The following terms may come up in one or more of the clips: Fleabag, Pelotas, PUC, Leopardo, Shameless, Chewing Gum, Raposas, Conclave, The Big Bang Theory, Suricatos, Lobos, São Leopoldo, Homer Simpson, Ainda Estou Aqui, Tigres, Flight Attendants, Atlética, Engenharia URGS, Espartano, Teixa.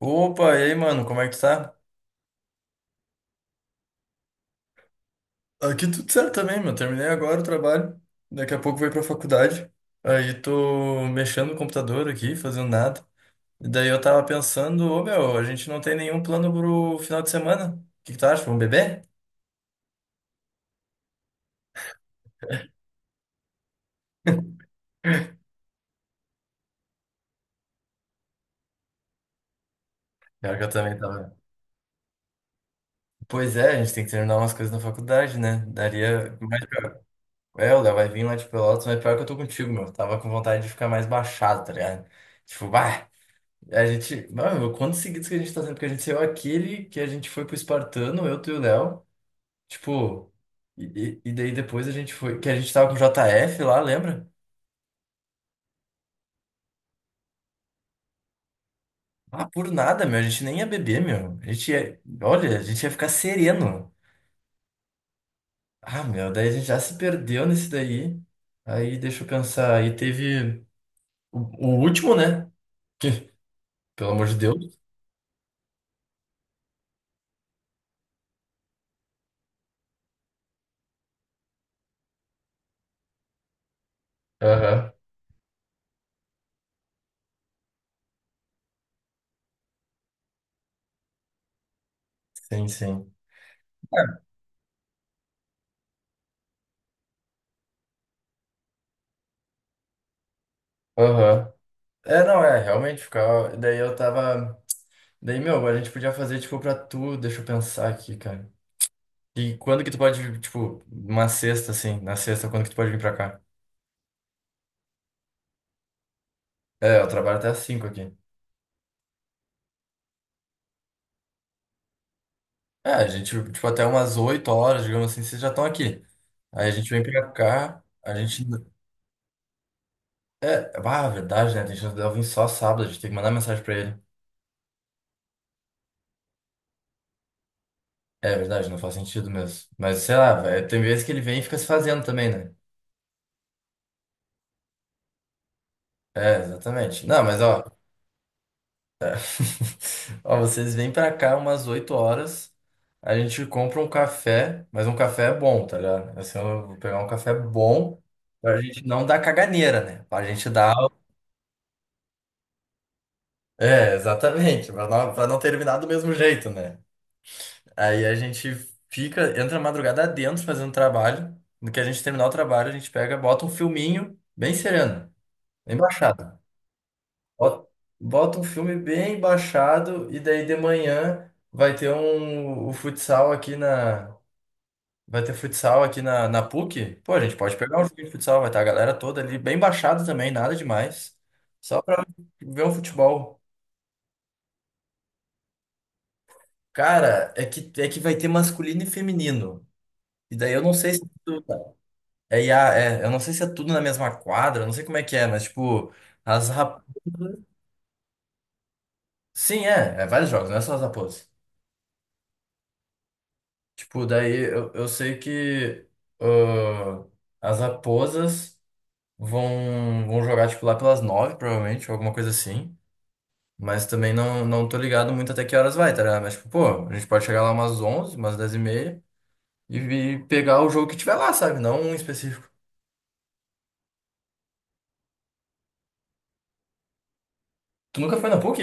Opa, e aí, mano, como é que tu tá? Aqui tudo certo também, meu. Terminei agora o trabalho. Daqui a pouco vou ir pra faculdade. Aí tô mexendo no computador aqui, fazendo nada. E daí eu tava pensando, ô meu, a gente não tem nenhum plano pro final de semana. O que que tu acha? Vamos beber? Pior que eu também tava. Pois é, a gente tem que terminar umas coisas na faculdade, né? Daria. É, o Léo vai vir lá de Pelotas, mas pior que eu tô contigo, meu. Tava com vontade de ficar mais baixado, tá ligado? Tipo, bah. A gente. Mano, quantos seguidos que a gente tá tendo? Porque a gente saiu aquele que a gente foi pro Espartano, eu, tu e o Léo. Tipo. E daí depois a gente foi. Que a gente tava com o JF lá, lembra? Ah, por nada, meu. A gente nem ia beber, meu. A gente ia. Olha, a gente ia ficar sereno. Ah, meu. Daí a gente já se perdeu nesse daí. Aí deixa eu pensar. Aí teve o, o último, né? Que, pelo amor de Deus. Aham. Sim, sim. Aham. É, não, é. Realmente ficava. Daí eu tava. Daí, meu, a gente podia fazer, tipo, pra tu, deixa eu pensar aqui, cara. E quando que tu pode, vir, tipo, uma sexta, assim, na sexta, quando que tu pode vir pra cá? É, eu trabalho até às 5h aqui. É, a gente, tipo, até umas 8 horas, digamos assim, vocês já estão aqui. Aí a gente vem pra cá, a gente... É, ah, verdade, né? A gente não deve vir só sábado, a gente tem que mandar mensagem pra ele. É verdade, não faz sentido mesmo. Mas, sei lá, velho, tem vezes que ele vem e fica se fazendo também, né? É, exatamente. Não, mas, ó, Ó, vocês vêm pra cá umas 8 horas, a gente compra um café, mas um café é bom, tá ligado? Assim, eu vou pegar um café bom pra gente não dar caganeira, né? Pra gente dar. É, exatamente, pra não terminar do mesmo jeito, né? Aí a gente fica, entra a madrugada dentro fazendo trabalho. No que a gente terminar o trabalho, a gente pega, bota um filminho bem sereno, bem baixado. Bota bota um filme bem baixado e daí de manhã vai ter futsal aqui na PUC. Pô, a gente pode pegar um jogo de futsal, vai estar a galera toda ali bem baixado também, nada demais. Só pra ver um futebol. Cara, é que vai ter masculino e feminino. E daí eu não sei se tu- é, IA, é, eu não sei se é tudo na mesma quadra, eu não sei como é que é, mas tipo, as rap... Sim, é, vários jogos, não é só as raposas. Tipo, daí eu sei que ãh, as raposas vão jogar, tipo, lá pelas 9h, provavelmente, ou alguma coisa assim. Mas também não tô ligado muito até que horas vai, tá ligado? Mas, tipo, pô, a gente pode chegar lá umas 11h, umas 10h30 e pegar o jogo que tiver lá, sabe? Não um específico. Tu nunca foi na PUC?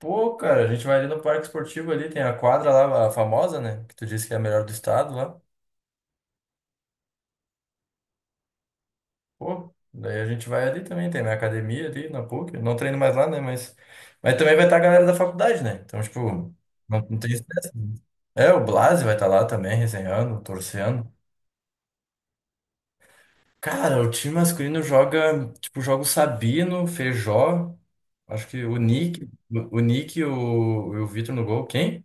Pô, cara, a gente vai ali no Parque Esportivo ali, tem a quadra lá, a famosa, né? Que tu disse que é a melhor do estado lá. Pô, daí a gente vai ali também, tem minha academia ali na PUC. Eu não treino mais lá, né? Mas também vai estar a galera da faculdade, né? Então, tipo, não tem. Isso. É, o Blase vai estar lá também, resenhando, torcendo. Cara, o time masculino joga, tipo, joga o Sabino, Feijó, acho que o Nick e o Vitor no gol. Quem?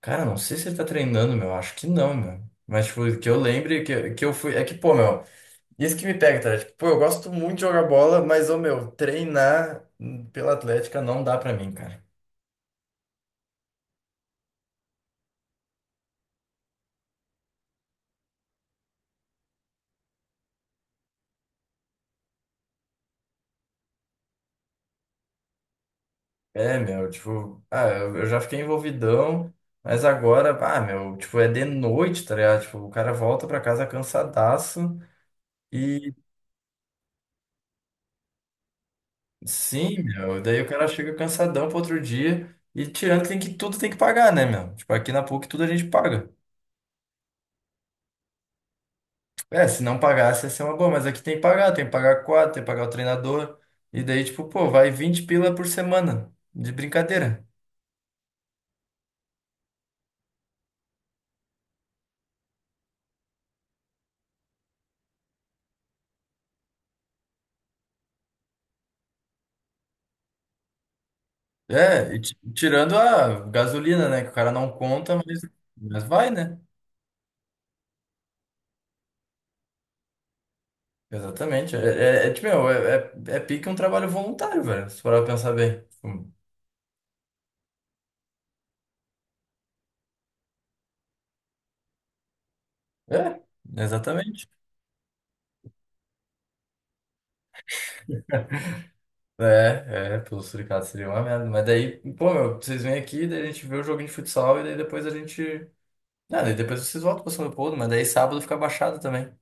Cara, não sei se ele tá treinando, meu. Acho que não, meu. Mas, tipo, que eu lembre que eu fui. É que, pô, meu. Isso que me pega, tá? Tipo, pô, eu gosto muito de jogar bola, mas, ô meu, treinar pela Atlética não dá pra mim, cara. É, meu, tipo, ah, eu já fiquei envolvidão, mas agora, ah, meu, tipo, é de noite, tá ligado? Tipo, o cara volta pra casa cansadaço e sim, meu, daí o cara chega cansadão pro outro dia e tirando que tem que tudo tem que pagar, né, meu? Tipo, aqui na PUC tudo a gente paga. É, se não pagasse ia ser uma boa, mas aqui tem que pagar quatro, tem que pagar o treinador. E daí, tipo, pô, vai 20 pila por semana, de brincadeira. É, e tirando a gasolina, né? Que o cara não conta, mas, vai, né? Exatamente. Tipo, meu, pique um trabalho voluntário, velho, se for pra pensar bem. Tipo, É, exatamente. É, pelo sindicato seria uma merda. Mas daí, pô, meu, vocês vêm aqui, daí a gente vê o joguinho de futsal e daí depois a gente. Ah, e depois vocês voltam pra São Leopoldo, mas daí sábado fica baixado também.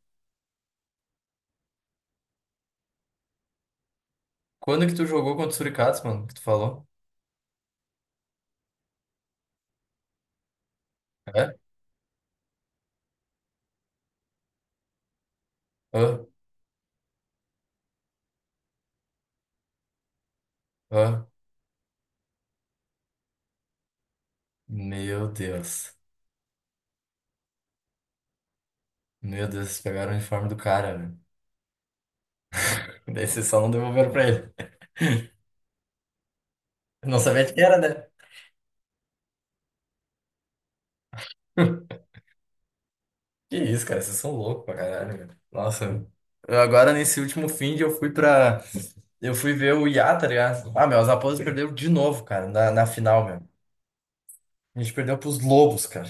Quando que tu jogou contra o Suricatos, mano? Que tu falou? É? Ah, ah. Meu Deus. Meu Deus, vocês pegaram o uniforme do cara, velho. Daí vocês só não devolveram pra ele. Não sabia de que era, né? Que isso, cara, vocês são loucos pra caralho, velho. Nossa, eu agora nesse último fim de eu fui pra. Eu fui ver o Iá, tá ligado? Ah, meu, os Raposas perderam de novo, cara, na final, meu. A gente perdeu pros Lobos, cara.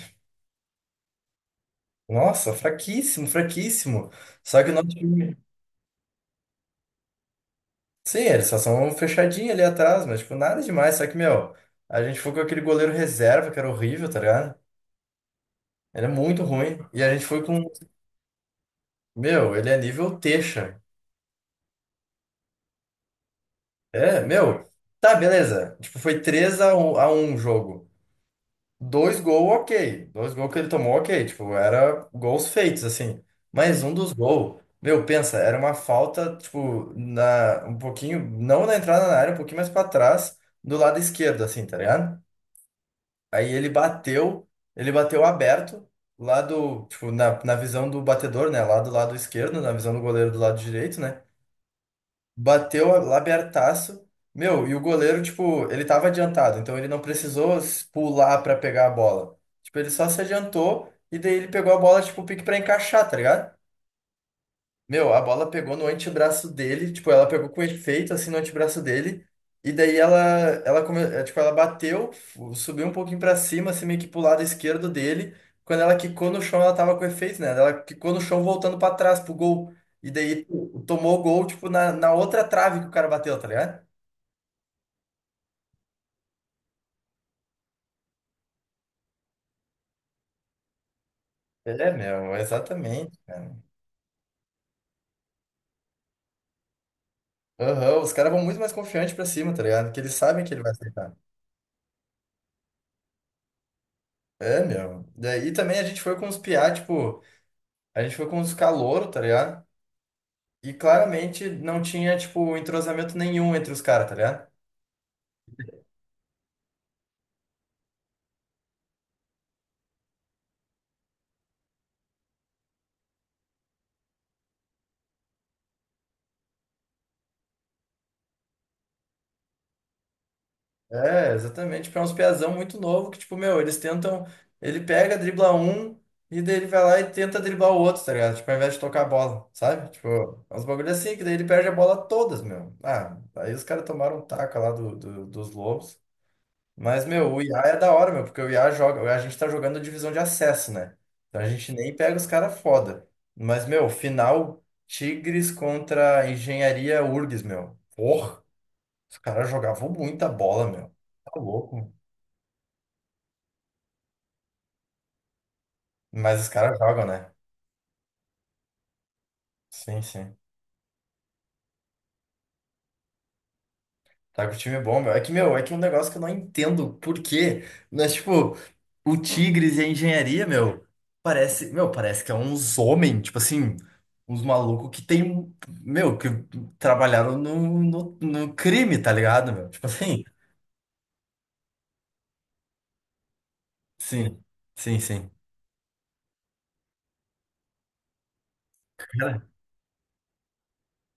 Nossa, fraquíssimo, fraquíssimo. Só que o nosso time. Sim, eles só são fechadinhos ali atrás, mas, tipo, nada demais. Só que, meu, a gente foi com aquele goleiro reserva, que era horrível, tá ligado? Ele é muito ruim. E a gente foi com. Meu, ele é nível Teixa. É, meu. Tá, beleza. Tipo, foi 3-1 a 1 jogo. Dois gols, ok. Dois gols que ele tomou, ok. Tipo, era gols feitos, assim. Mas um dos gols, meu, pensa, era uma falta, tipo, na, um pouquinho, não na entrada na área, um pouquinho mais pra trás, do lado esquerdo, assim, tá ligado? Aí ele bateu aberto, lá do, tipo, na visão do batedor, né? Lá do lado esquerdo, na visão do goleiro do lado direito, né? Bateu lá abertaço. Meu, e o goleiro, tipo, ele tava adiantado, então ele não precisou pular pra pegar a bola. Tipo, ele só se adiantou e daí ele pegou a bola, tipo, pique pra encaixar, tá ligado? Meu, a bola pegou no antebraço dele, tipo, ela pegou com efeito, assim, no antebraço dele, e daí tipo, ela bateu, subiu um pouquinho pra cima, assim, meio que pro lado esquerdo dele, quando ela quicou no chão, ela tava com efeito, né, ela quicou no chão voltando pra trás, pro gol, e daí tomou o gol, tipo, na outra trave que o cara bateu, tá ligado? É, meu, exatamente, cara. Aham, os caras vão muito mais confiantes pra cima, tá ligado? Porque eles sabem que ele vai aceitar. É, meu. Daí também a gente foi com os piá, tipo, a gente foi com os caloros, tá ligado? E claramente não tinha, tipo, entrosamento nenhum entre os caras, tá ligado? É, exatamente. Tipo, é uns piazão muito novo que, tipo, meu, eles tentam. Ele pega, dribla um, e daí ele vai lá e tenta driblar o outro, tá ligado? Tipo, ao invés de tocar a bola, sabe? Tipo, é uns bagulho assim, que daí ele perde a bola todas, meu. Ah, aí os caras tomaram um taco lá dos lobos. Mas, meu, o IA é da hora, meu, porque o IA joga. A gente tá jogando divisão de acesso, né? Então a gente nem pega os caras foda. Mas, meu, final Tigres contra Engenharia URGS, meu. Porra, os caras jogavam muita bola, meu. Tá louco. Mas os caras jogam, né? Sim, sim. Tá que o time é bom, meu. É que, meu, é que é um negócio que eu não entendo por quê. Mas, tipo, o Tigres e a engenharia, meu, parece que é uns homens, tipo assim, uns malucos que tem, meu, que trabalharam no crime, tá ligado, meu? Tipo assim, sim, sim, sim. Cara,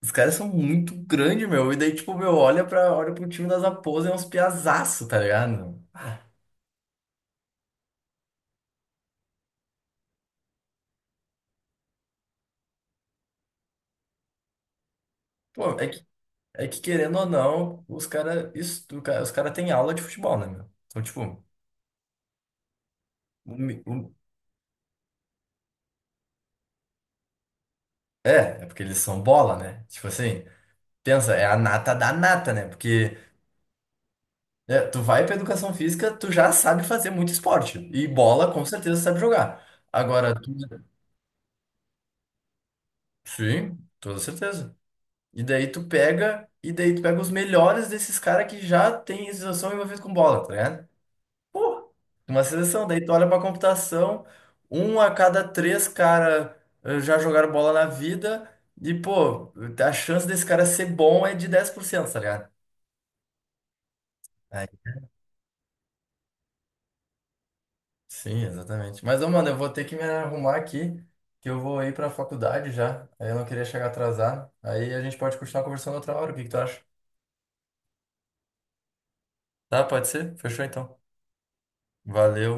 os caras são muito grandes, meu. E daí, tipo, meu, olha pro time das Raposas, é uns piazaço, tá ligado? Meu? Ah, Pô, é que querendo ou não, os cara têm aula de futebol, né, meu? Então, tipo, o mi- o- é, porque eles são bola, né? Tipo assim, pensa, é a nata da nata, né? Porque né, tu vai pra educação física, tu já sabe fazer muito esporte. E bola, com certeza, sabe jogar. Agora, tu... sim, toda certeza. E daí tu pega os melhores desses caras que já têm exação envolvida com bola, tá ligado? Uma seleção, daí tu olha pra computação, um a cada três cara já jogaram bola na vida, e pô, a chance desse cara ser bom é de 10%, tá ligado? Aí, sim, exatamente. Mas, ô, mano, eu vou ter que me arrumar aqui, que eu vou ir pra faculdade já, aí eu não queria chegar atrasado. Aí a gente pode continuar conversando outra hora, o que que tu acha? Tá, pode ser? Fechou então. Valeu.